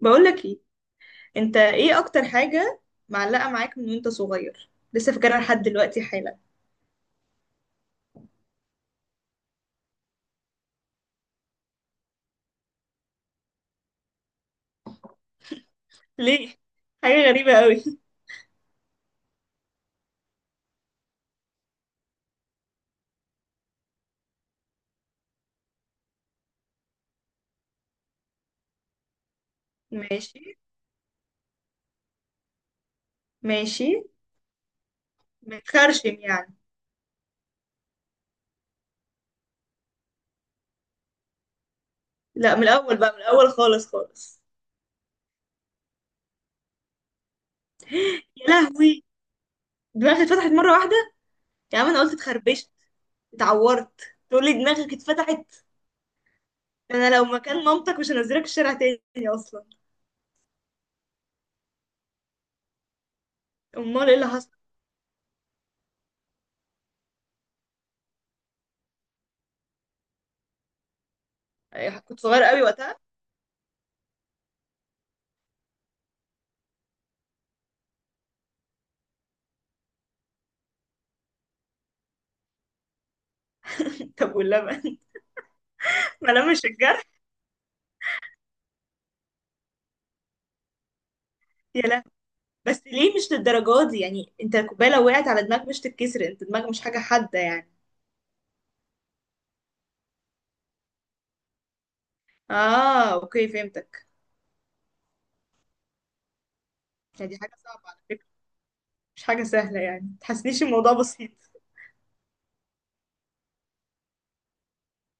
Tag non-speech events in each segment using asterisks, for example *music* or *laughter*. بقولك ايه؟ انت ايه اكتر حاجة معلقة معاك من وانت صغير لسه فاكرها لحد دلوقتي حالا؟ ليه؟ حاجة غريبة قوي. ماشي، ماشي. متخرشم يعني؟ لا، من الاول بقى، من الاول خالص خالص. يا لهوي، دماغي اتفتحت مرة واحدة؟ يا عم انا قلت اتخربشت، اتعورت. تقول لي دماغك اتفتحت؟ انا لو مكان مامتك مش هنزلك الشارع تاني اصلا. امال ايه اللي حصل؟ إيه، كنت صغيرة قوي وقتها. *laughs* طب واللبن؟ *laughs* ما لمش الجرح. يا لهوي. بس ليه مش للدرجة دي يعني، انت الكوباية لو وقعت على دماغك مش تتكسر؟ انت دماغك مش حاجة حادة يعني. اه اوكي، فهمتك. يعني دي حاجة صعبة على فكرة، مش حاجة سهلة يعني، متحسنيش الموضوع بسيط.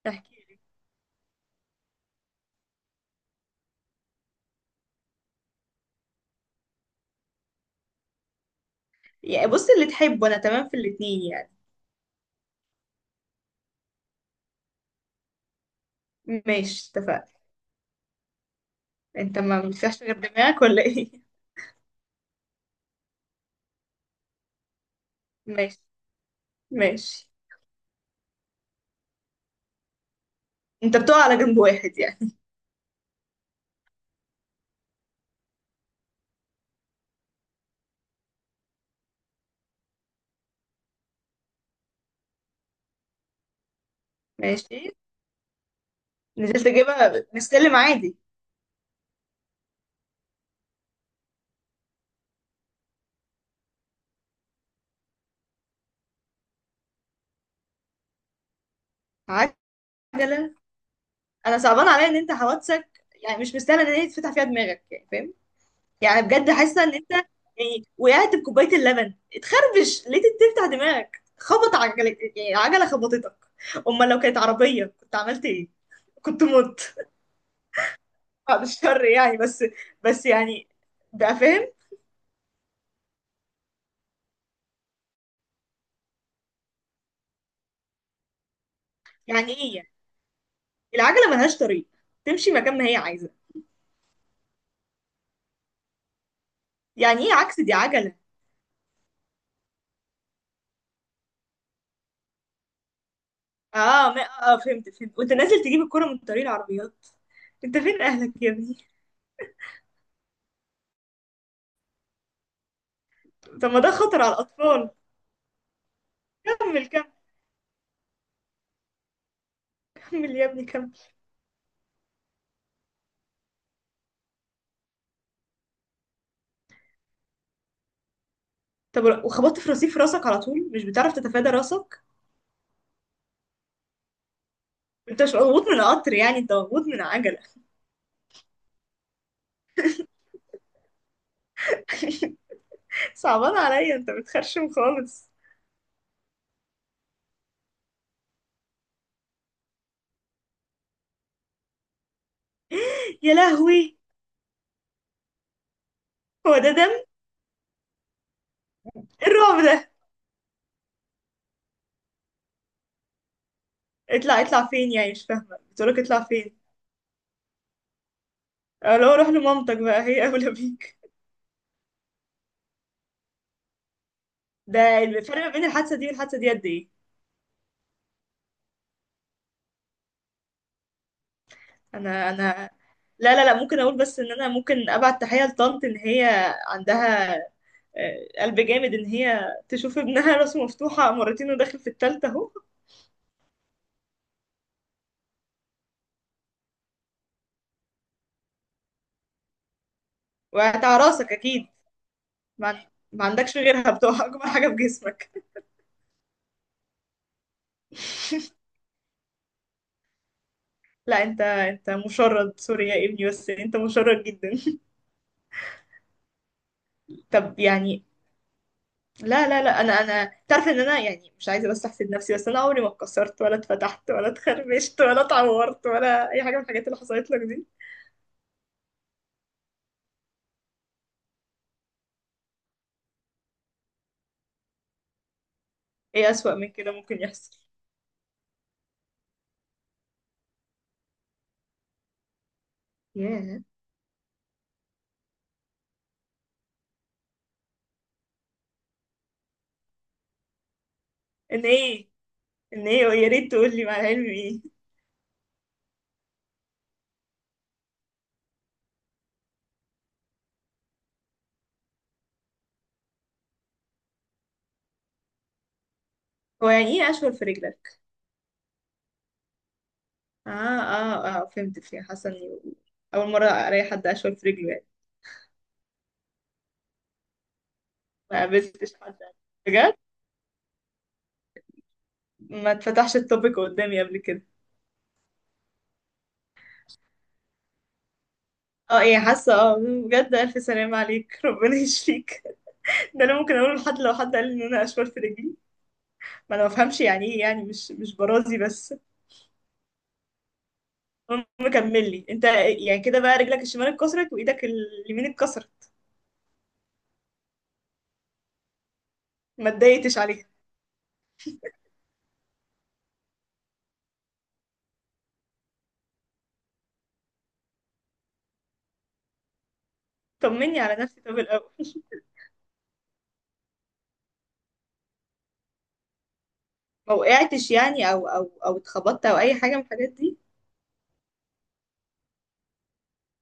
احكي لي يعني، بص اللي تحبه، انا تمام في الاتنين يعني. ماشي، اتفقنا. انت ما بتفيهاش غير دماغك ولا ايه؟ *laughs* ماشي، ماشي. انت بتقع على جنب واحد يعني. ماشي. نزلت اجيبها من السلم عادي. عجلة؟ انا صعبان عليا ان انت حوادثك يعني مش مستاهله ان هي تفتح فيها دماغك، يعني فاهم؟ يعني بجد حاسه ان انت، يعني وقعت بكوبايه اللبن اتخربش ليه تفتح دماغك، خبط عجلك، يعني عجله خبطتك. امال لو كانت عربيه كنت عملت ايه؟ كنت مت. بعد الشر يعني، بس، بس يعني، بقى فاهم. يعني ايه يعني؟ العجله ملهاش طريق، تمشي مكان ما هي عايزه؟ يعني ايه عكس؟ دي عجله. اه، ما اه فهمت، فهمت. وانت نازل تجيب الكره من طريق العربيات، انت فين اهلك يا ابني؟ طب ما ده خطر على الاطفال. كمل، كمل. كمل يا ابني كمل. طب وخبطت في رصيف راسك على طول؟ مش بتعرف تتفادى راسك؟ انت مش مضغوط من قطر، يعني انت مضغوط من عجلة. *laughs* صعبان عليا، انت بتخرشم خالص. يا لهوي. هو ده دم؟ إيه الرعب ده؟ اطلع اطلع فين يعني؟ مش فاهمة بتقولك اطلع فين. اه، لو روح لمامتك بقى، هي اولى بيك. ده الفرق ما بين الحادثة دي والحادثة دي قد ايه؟ انا انا، لا لا لا، ممكن اقول بس ان انا ممكن ابعت تحية لطنط ان هي عندها آه، قلب جامد ان هي تشوف ابنها راسه مفتوحة مرتين وداخل في التالتة اهو. وهتع راسك اكيد. ما, عن- ما عندكش غيرها بتوع اجمل حاجه في جسمك. لا، انت انت مشرد سوري يا ابني، بس انت مشرد جدا. *laughs* طب يعني، لا لا لا، انا انا تعرف ان انا يعني مش عايزه بس احسد نفسي، بس انا عمري ما اتكسرت ولا اتفتحت ولا اتخربشت ولا اتعورت ولا اي حاجه من الحاجات اللي حصلت لك دي. ايه اسوأ من كده ممكن يحصل؟ ياه. ان ايه؟ ان ايه؟ يا ريت تقول لي مع العلم ايه. هو يعني ايه اشول في رجلك؟ اه اه اه فهمت، فيها حاسه اني، اول مره الاقي حد اشول في رجله يعني، ما قابلتش حد، بجد ما اتفتحش التوبيك قدامي قبل كده. اه ايه، حاسه اه. بجد الف سلامة عليك، ربنا يشفيك. *laughs* ده انا ممكن اقوله لحد لو حد قال لي ان انا اشوال في رجلي، ما انا ما بفهمش يعني ايه، يعني مش، مش برازي بس. المهم، كمل لي انت. يعني كده بقى رجلك الشمال اتكسرت وايدك اليمين اتكسرت؟ ما اتضايقتش عليها؟ طمني على نفسي طب الاول. *laughs* ما وقعتش يعني، او او او اتخبطت او اي حاجه من الحاجات دي؟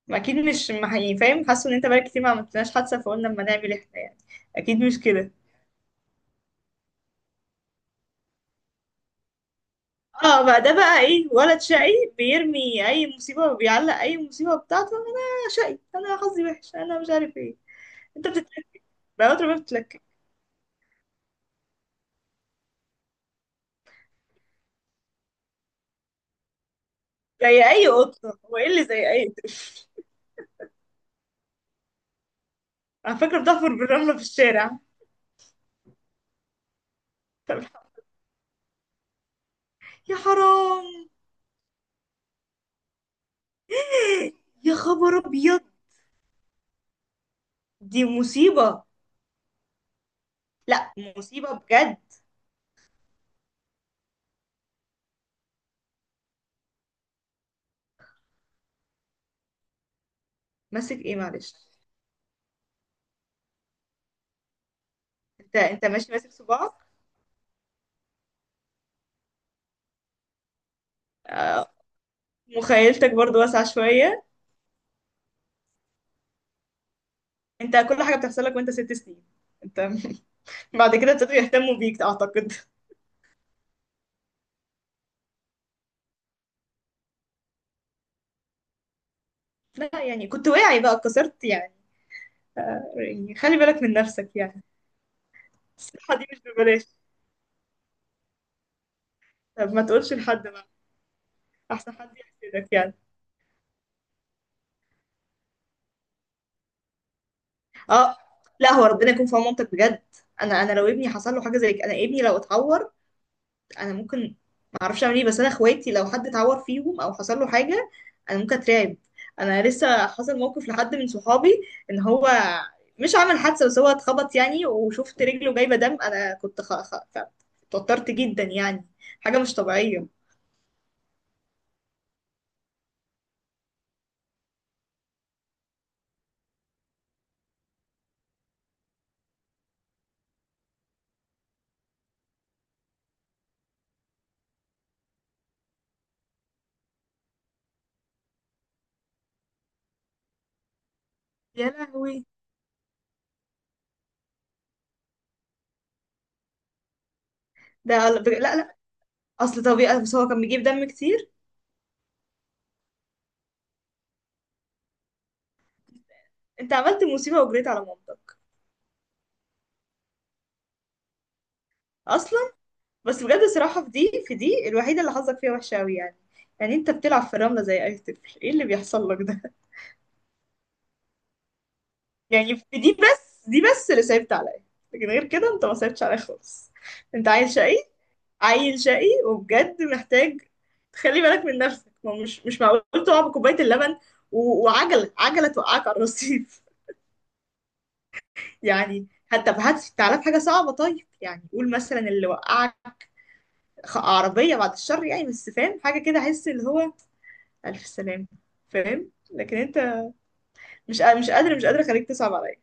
ما اكيد مش، ما يعني فاهم، حاسه ان انت بقى كتير ما عملتناش حادثه فقلنا اما نعمل احنا يعني. اكيد مش كده. اه، بقى ده بقى ايه ولد شقي؟ بيرمي اي مصيبه وبيعلق اي مصيبه بتاعته، انا شقي، انا حظي وحش، انا مش عارف ايه. انت بتتلكك، بقى قطر ما بتتلكك. زي اي قطه؟ هو ايه اللي زي اي قطه؟ على فكره بتحفر بالرمله في الشارع؟ طب، يا حرام. *gasps* يا خبر ابيض، دي مصيبه. لا مصيبه بجد. ماسك ايه معلش؟ انت انت ماشي ماسك صباعك؟ مخيلتك برضو واسعه شويه. انت كل حاجه بتحصل لك وانت 6 سنين، انت. *laughs* بعد كده ابتدوا يهتموا بيك اعتقد. لا، يعني كنت واعي بقى اتكسرت يعني، ف- يعني خلي بالك من نفسك يعني، الصحة دي مش ببلاش. طب ما تقولش لحد بقى، احسن حد يحسدك يعني. اه. لا هو ربنا يكون في عون مامتك بجد. انا انا لو ابني حصل له حاجة زي كده، انا ابني لو اتعور انا ممكن، ما اعرفش اعمل ايه. بس انا اخواتي لو حد اتعور فيهم او حصل له حاجه انا ممكن اترعب. انا لسه حصل موقف لحد من صحابي ان هو مش عمل حادثه بس هو اتخبط يعني، وشفت رجله جايبه دم، انا كنت اتوترت جدا يعني، حاجه مش طبيعيه. يا لهوي. ده لا لا، اصل طبيعي بس هو كان بيجيب دم كتير. انت عملت مصيبه وجريت على مامتك اصلا. بس بجد الصراحه في دي، في دي الوحيده اللي حظك فيها وحشه قوي يعني، يعني انت بتلعب في الرمله زي اي طفل، ايه اللي بيحصل لك ده؟ يعني في دي بس، دي بس اللي صعبت عليا، لكن غير كده انت ما صعبتش عليا خالص. انت عيل شقي، عيل شقي وبجد محتاج تخلي بالك من نفسك، ما هو مش، مش معقول تقع بكوباية اللبن وعجلة، توقعك على الرصيف. *laughs* يعني حتى بهات تعالى بحاجة صعبة طيب، يعني قول مثلا اللي وقعك عربية، بعد الشر يعني، بس فاهم حاجة كده، احس اللي هو ألف سلامة، فاهم. لكن انت مش قادر، مش قادرة خليك تصعب عليا.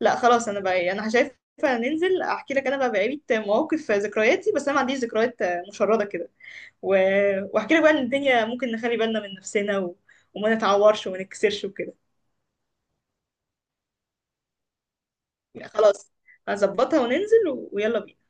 لا خلاص، انا بقى إيه، انا شايفه ننزل احكي لك انا بقى بقية مواقف ذكرياتي، بس انا ما عنديش ذكريات مشردة كده و... واحكي لك بقى ان الدنيا ممكن نخلي بالنا من نفسنا و... وما نتعورش وما نكسرش وكده. يعني خلاص، هظبطها وننزل و... ويلا بينا.